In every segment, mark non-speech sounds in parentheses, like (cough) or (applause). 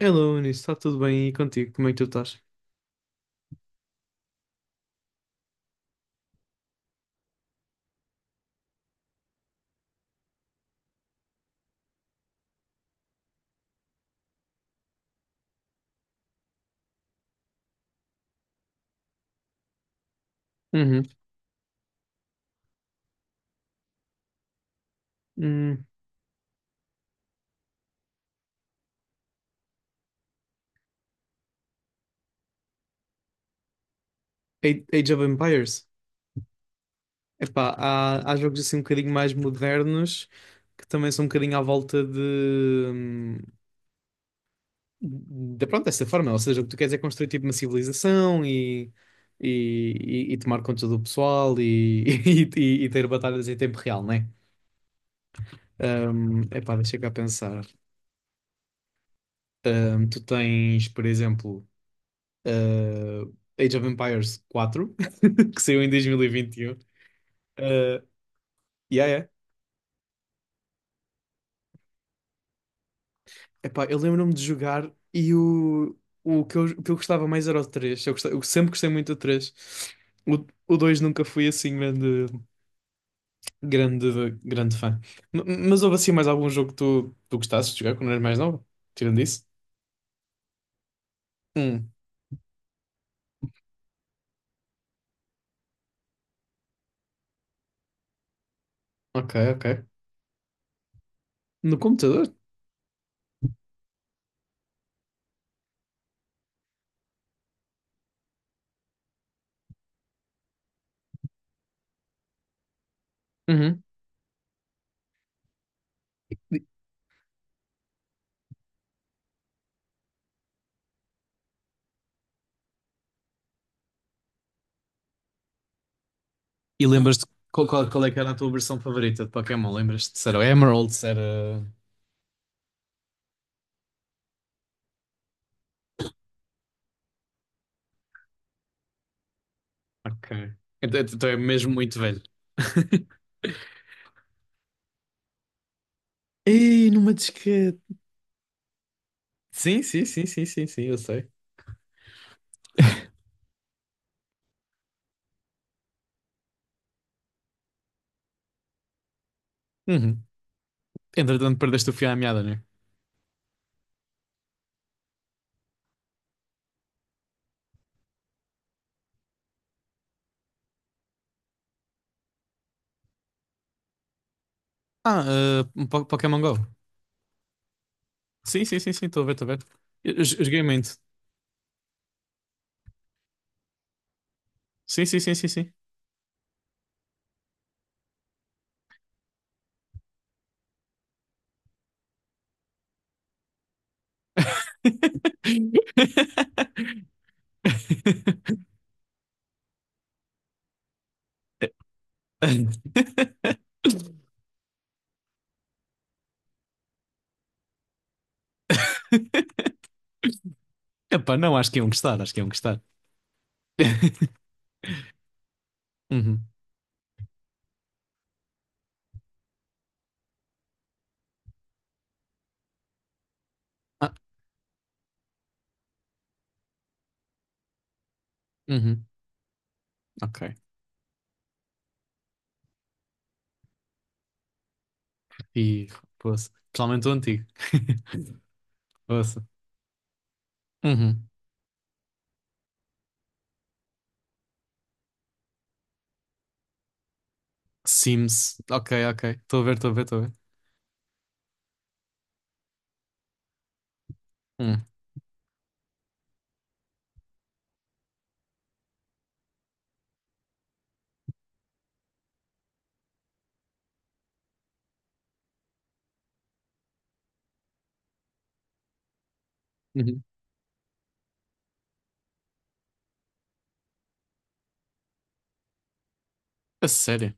Hello, Eunice, está tudo bem e contigo? Como é que tu estás? Uhum. Hum, Age of Empires? Epá, há jogos assim um bocadinho mais modernos que também são um bocadinho à volta hum, de pronto, dessa forma. Ou seja, o que tu queres é construir tipo uma civilização e, e tomar conta do pessoal (laughs) ter batalhas em tempo real, não é? Epá, deixa cá pensar. Tu tens, por exemplo, eh, Age of Empires 4 (laughs) que saiu em dois mil e vinte e um. Eh, yeah, yeah. Epá, eu lembro-me de jogar o que eu gostava mais era o três. Eu sempre gostei muito do três. O, o 2 nunca fui assim grande fã. Mas houve assim mais algum jogo que tu gostasses de jogar quando eras mais nova? Tirando isso? Hum, ok, ok. No computador? Uhum. E lembras-te qual é que era a tua versão favorita de Pokémon? Lembras-te se era o Emerald, se era... Ok. Então é mesmo muito velho. (laughs) Ei, numa disquete. Sim, sim, eu sei. Uhum. Entretanto, perdeste o fio à meada, né? Um Pokémon Go. Sim, sim, sim, sim, estou a ver, estou a ver. Eu joguei muito. Sim, sim, sim, sim, sim. (laughs) Epá, não, acho que iam gostar, acho que iam gostar. (laughs) Uhum. Ah, uhum. Ok. E, poça. Principalmente o antigo. (laughs) Poça. Uhum. Sims. Ok, ok. Estou a ver, estou a ver, estou a ver. Hum. Uhum. A sério.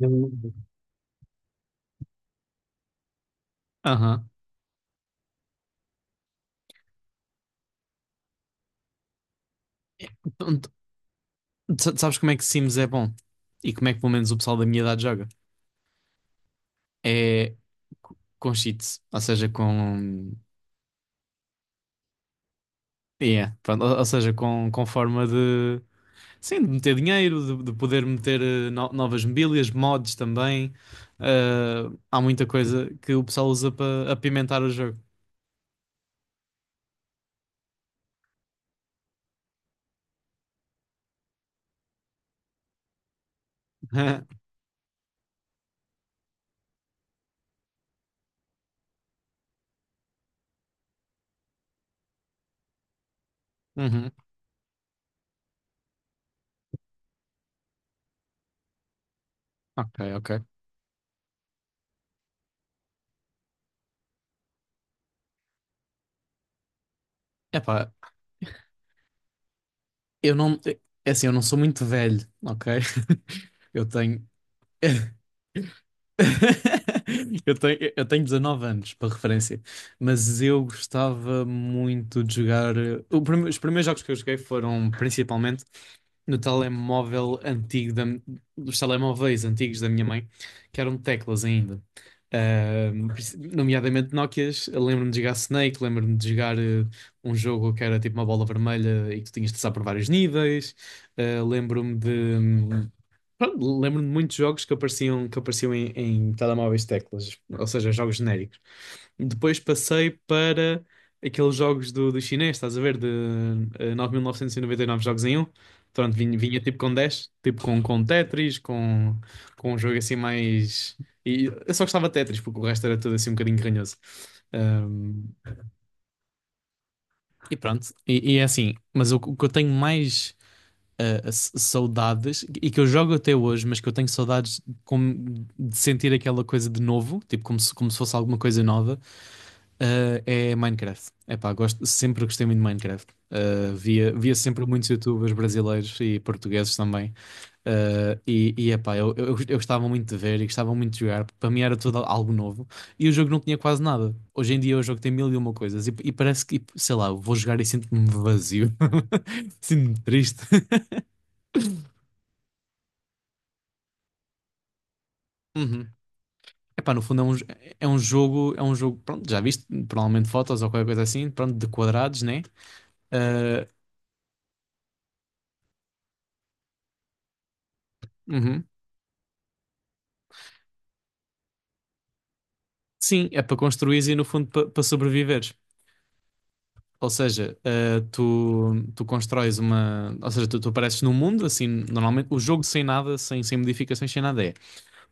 Eu- Aham. Então, tu- tu sabes como é que Sims é bom? E como é que pelo menos o pessoal da minha idade joga? É com cheats. Ou seja, com... Yeah, pronto. Ou seja, com forma de... Sim, de meter dinheiro, de poder meter novas mobílias, mods também. Ah, há muita coisa que o pessoal usa para apimentar o jogo. (laughs) Uhum. Ok, ok. Epá, eu não. É assim, eu não sou muito velho, ok? (laughs) Eu tenho... (laughs) (laughs) Eu tenho 19 anos, para referência, mas eu gostava muito de jogar. O os primeiros jogos que eu joguei foram principalmente no telemóvel dos telemóveis antigos da minha mãe, que eram teclas ainda. Nomeadamente Nokias, eu lembro-me de jogar Snake, lembro-me de jogar um jogo que era tipo uma bola vermelha e que tu tinhas de passar por vários níveis. Ah, lembro-me de, pronto, lembro-me de muitos jogos que apareciam em, em telemóveis de teclas, ou seja, jogos genéricos. Depois passei para aqueles jogos do chinês, estás a ver, de 9.999 jogos em um. Pronto, vinha tipo com dez, tipo com Tetris, com um jogo assim mais... E eu só gostava de Tetris, porque o resto era tudo assim um bocadinho ranhoso. Ahm, e pronto, e é assim, mas o que eu tenho mais saudades e que eu jogo até hoje, mas que eu tenho saudades como de sentir aquela coisa de novo, tipo como se fosse alguma coisa nova, é Minecraft. Epá, gosto, sempre gostei muito de Minecraft. Via sempre muitos YouTubers brasileiros e portugueses também. E epá, eu gostava muito de ver e gostava muito de jogar, porque para mim era tudo algo novo. E o jogo não tinha quase nada. Hoje em dia o jogo tem mil e uma coisas e parece que, sei lá, eu vou jogar e sinto-me vazio, (laughs) sinto-me triste. (laughs) Uhum. Epá, no fundo é um jogo, pronto, já viste, provavelmente fotos ou qualquer coisa assim, pronto, de quadrados, né? Ah, uhum. Sim, é para construir e no fundo para para sobreviveres. Ou seja, ah, tu constróis uma, ou seja, tu apareces num mundo, assim, normalmente o jogo sem nada, sem, sem modificações, sem nada é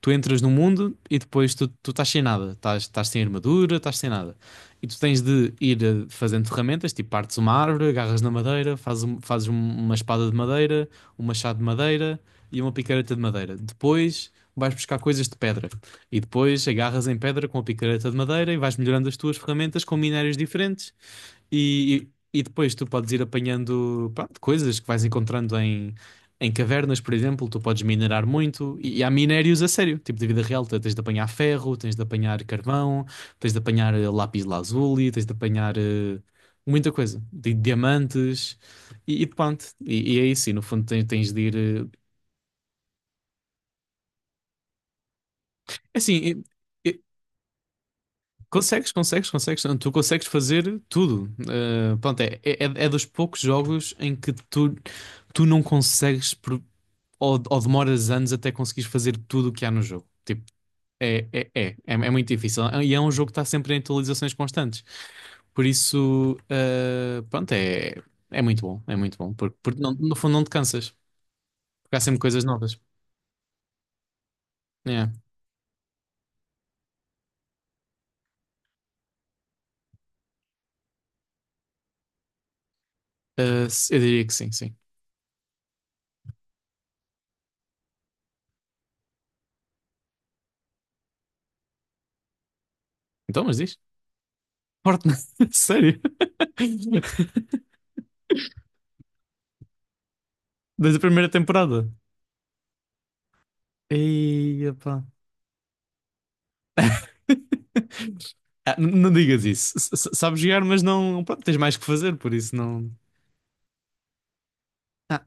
tu entras no mundo e depois tu estás sem nada, estás, estás sem armadura, estás sem nada. E tu tens de ir fazendo ferramentas, tipo partes uma árvore, agarras na madeira, uma espada de madeira, um machado de madeira e uma picareta de madeira. Depois vais buscar coisas de pedra e depois agarras em pedra com a picareta de madeira e vais melhorando as tuas ferramentas com minérios diferentes e depois tu podes ir apanhando, pronto, coisas que vais encontrando em cavernas, por exemplo. Tu podes minerar muito. E há minérios a sério, tipo de vida real. Tu tens de apanhar ferro, tens de apanhar carvão, tens de apanhar lápis lazuli, tens de apanhar muita coisa. Diamantes e pronto. E é isso. E no fundo tens, tens de ir. Assim, e- consegues, consegues, consegues. Tu consegues fazer tudo. Pronto, é, é, é dos poucos jogos em que tu não consegues por- ou demoras anos até conseguires fazer tudo o que há no jogo. Tipo, é muito difícil. E é um jogo que está sempre em atualizações constantes. Por isso, pronto, é muito bom. É muito bom. Porque, no fundo não te cansas. Porque há sempre coisas novas. É. Eu diria que sim, sim. Então, mas diz. Fortnite. (laughs) Sério? (laughs) Desde a primeira temporada. Ei, epá. (laughs) Ah, não digas isso. Sabes jogar, mas não. Pronto, tens mais que fazer, por isso não. Ah,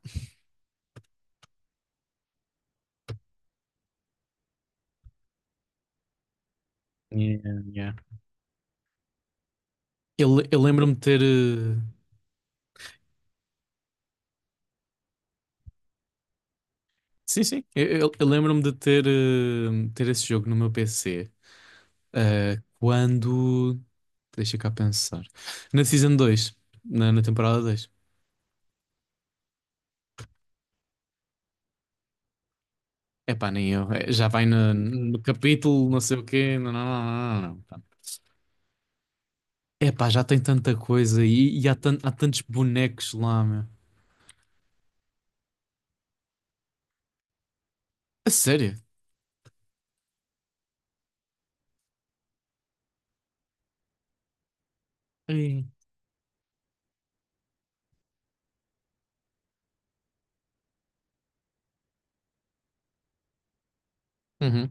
yeah, yeah. Eu lembro-me de ter, sim, sim. Eu lembro-me de ter, ter esse jogo no meu PC, quando... Deixa cá pensar. Na Season 2, Na, na temporada 2. Epá, nem eu. É, já vai no, no capítulo, não sei o quê. Não. Epá, já tem tanta coisa e há, há tantos bonecos lá, meu. A sério? Ei. Uhum.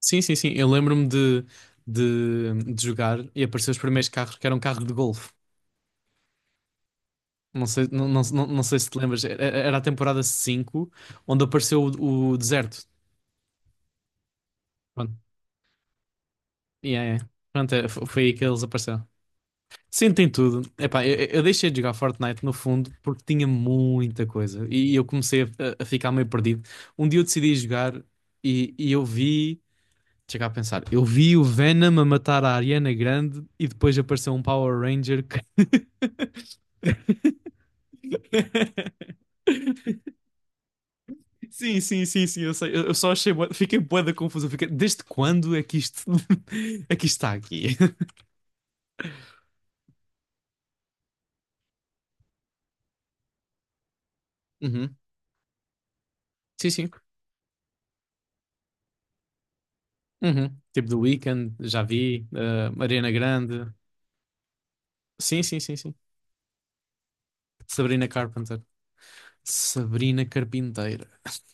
Sim, sim, sim. Eu lembro-me de jogar e apareceu os primeiros carros que eram carros de golfe. Não sei, não sei se te lembras. Era a temporada 5 onde apareceu o deserto. Pronto, yeah, yeah. Pronto, é, foi aí que eles apareceram. Sim, tem tudo. Epá, eu deixei de jogar Fortnite no fundo porque tinha muita coisa e eu comecei a ficar meio perdido. Um dia eu decidi jogar e eu vi. Chega a pensar, eu vi o Venom a matar a Ariana Grande e depois apareceu um Power Ranger que... (laughs) Sim, sim, sim, sim, eu sei. Eu só achei, fiquei bué da confusão. Fiquei... Desde quando é que isto (laughs) é que isto está aqui? (laughs) Uhum. Sim, sim. Uhum. Tipo The Weeknd, já vi. Ariana Grande. Sim, sim, sim, sim. Sabrina Carpenter. Sabrina Carpinteira.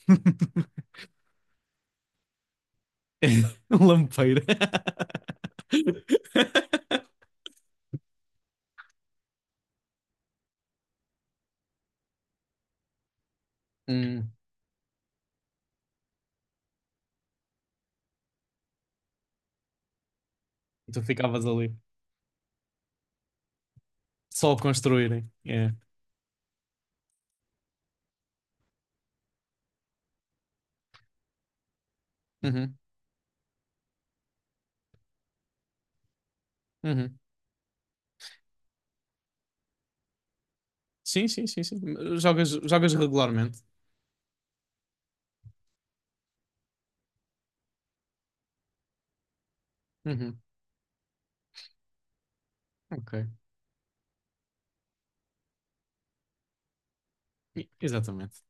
(laughs) Lampeira. (laughs) Hum, tu ficavas ali. Só construírem. É. Uhum, uhum. Sim, sim, sim, sim. Jogas, jogas regularmente. Uhum, ok. Exatamente.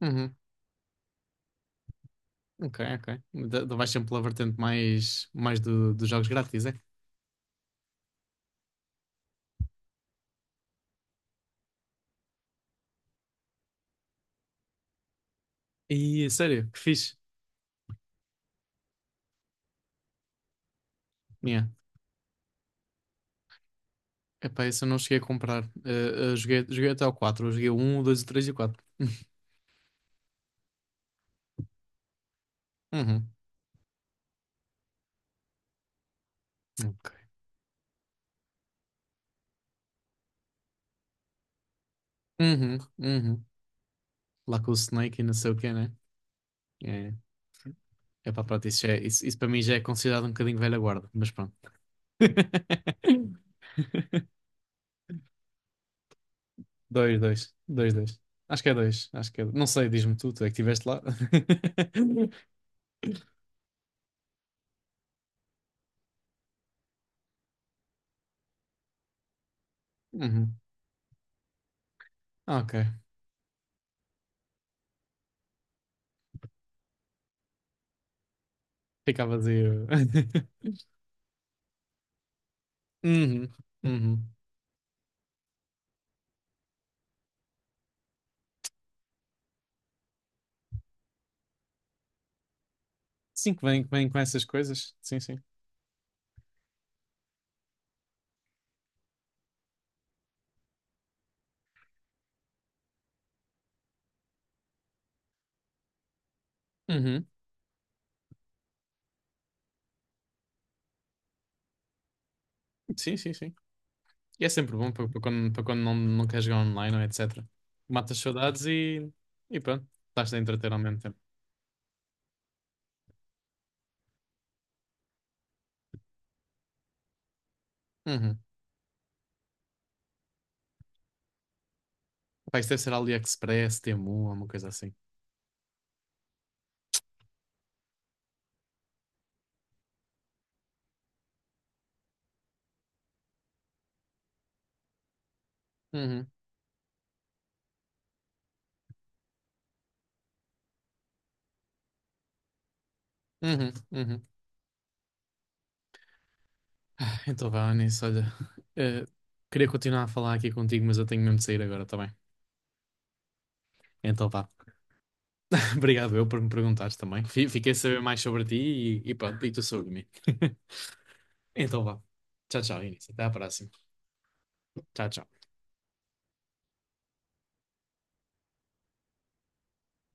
Uhum, ok, ok. Vais sempre pela vertente mais, mais dos jogos grátis, é? E sério, que fixe. Yeah. Epá, esse eu não cheguei a comprar. Joguei, joguei até o quatro. Eu joguei o 1, o 2, o 3 e o 4. (laughs) Uhum, ok. Uhum, uhum. Lá com o Snake e não sei o quê, né? É, epá, pronto, isso para mim já é considerado um bocadinho velha guarda, mas pronto. (laughs) Dois, dois. Dois, dois. Acho que é dois. Acho que é... Não sei, diz-me tu, tu é que estiveste lá. (laughs) Uhum. Ok. Ficava vazio. (laughs) Uhum. Uhum. Sim, que vem com essas coisas. Sim, sim. Uhum. Sim, sim, sim. E é sempre bom para, para quando não, não queres jogar online ou etc. Matas saudades e pronto. Estás a entreter ao mesmo tempo. Uhum. Pá, isso deve ser AliExpress, Temu, alguma coisa assim. Uhum. Uhum. Uhum. (laughs) Ah, então vá, Anis, olha, eh, queria continuar a falar aqui contigo, mas eu tenho mesmo de sair agora, tá bem? Então vá. (laughs) Obrigado eu por me perguntares também. Fiquei a saber mais sobre ti e pronto, e tu sobre mim. (laughs) Então vá. Tchau, tchau, Inês. Até à próxima. Tchau, tchau.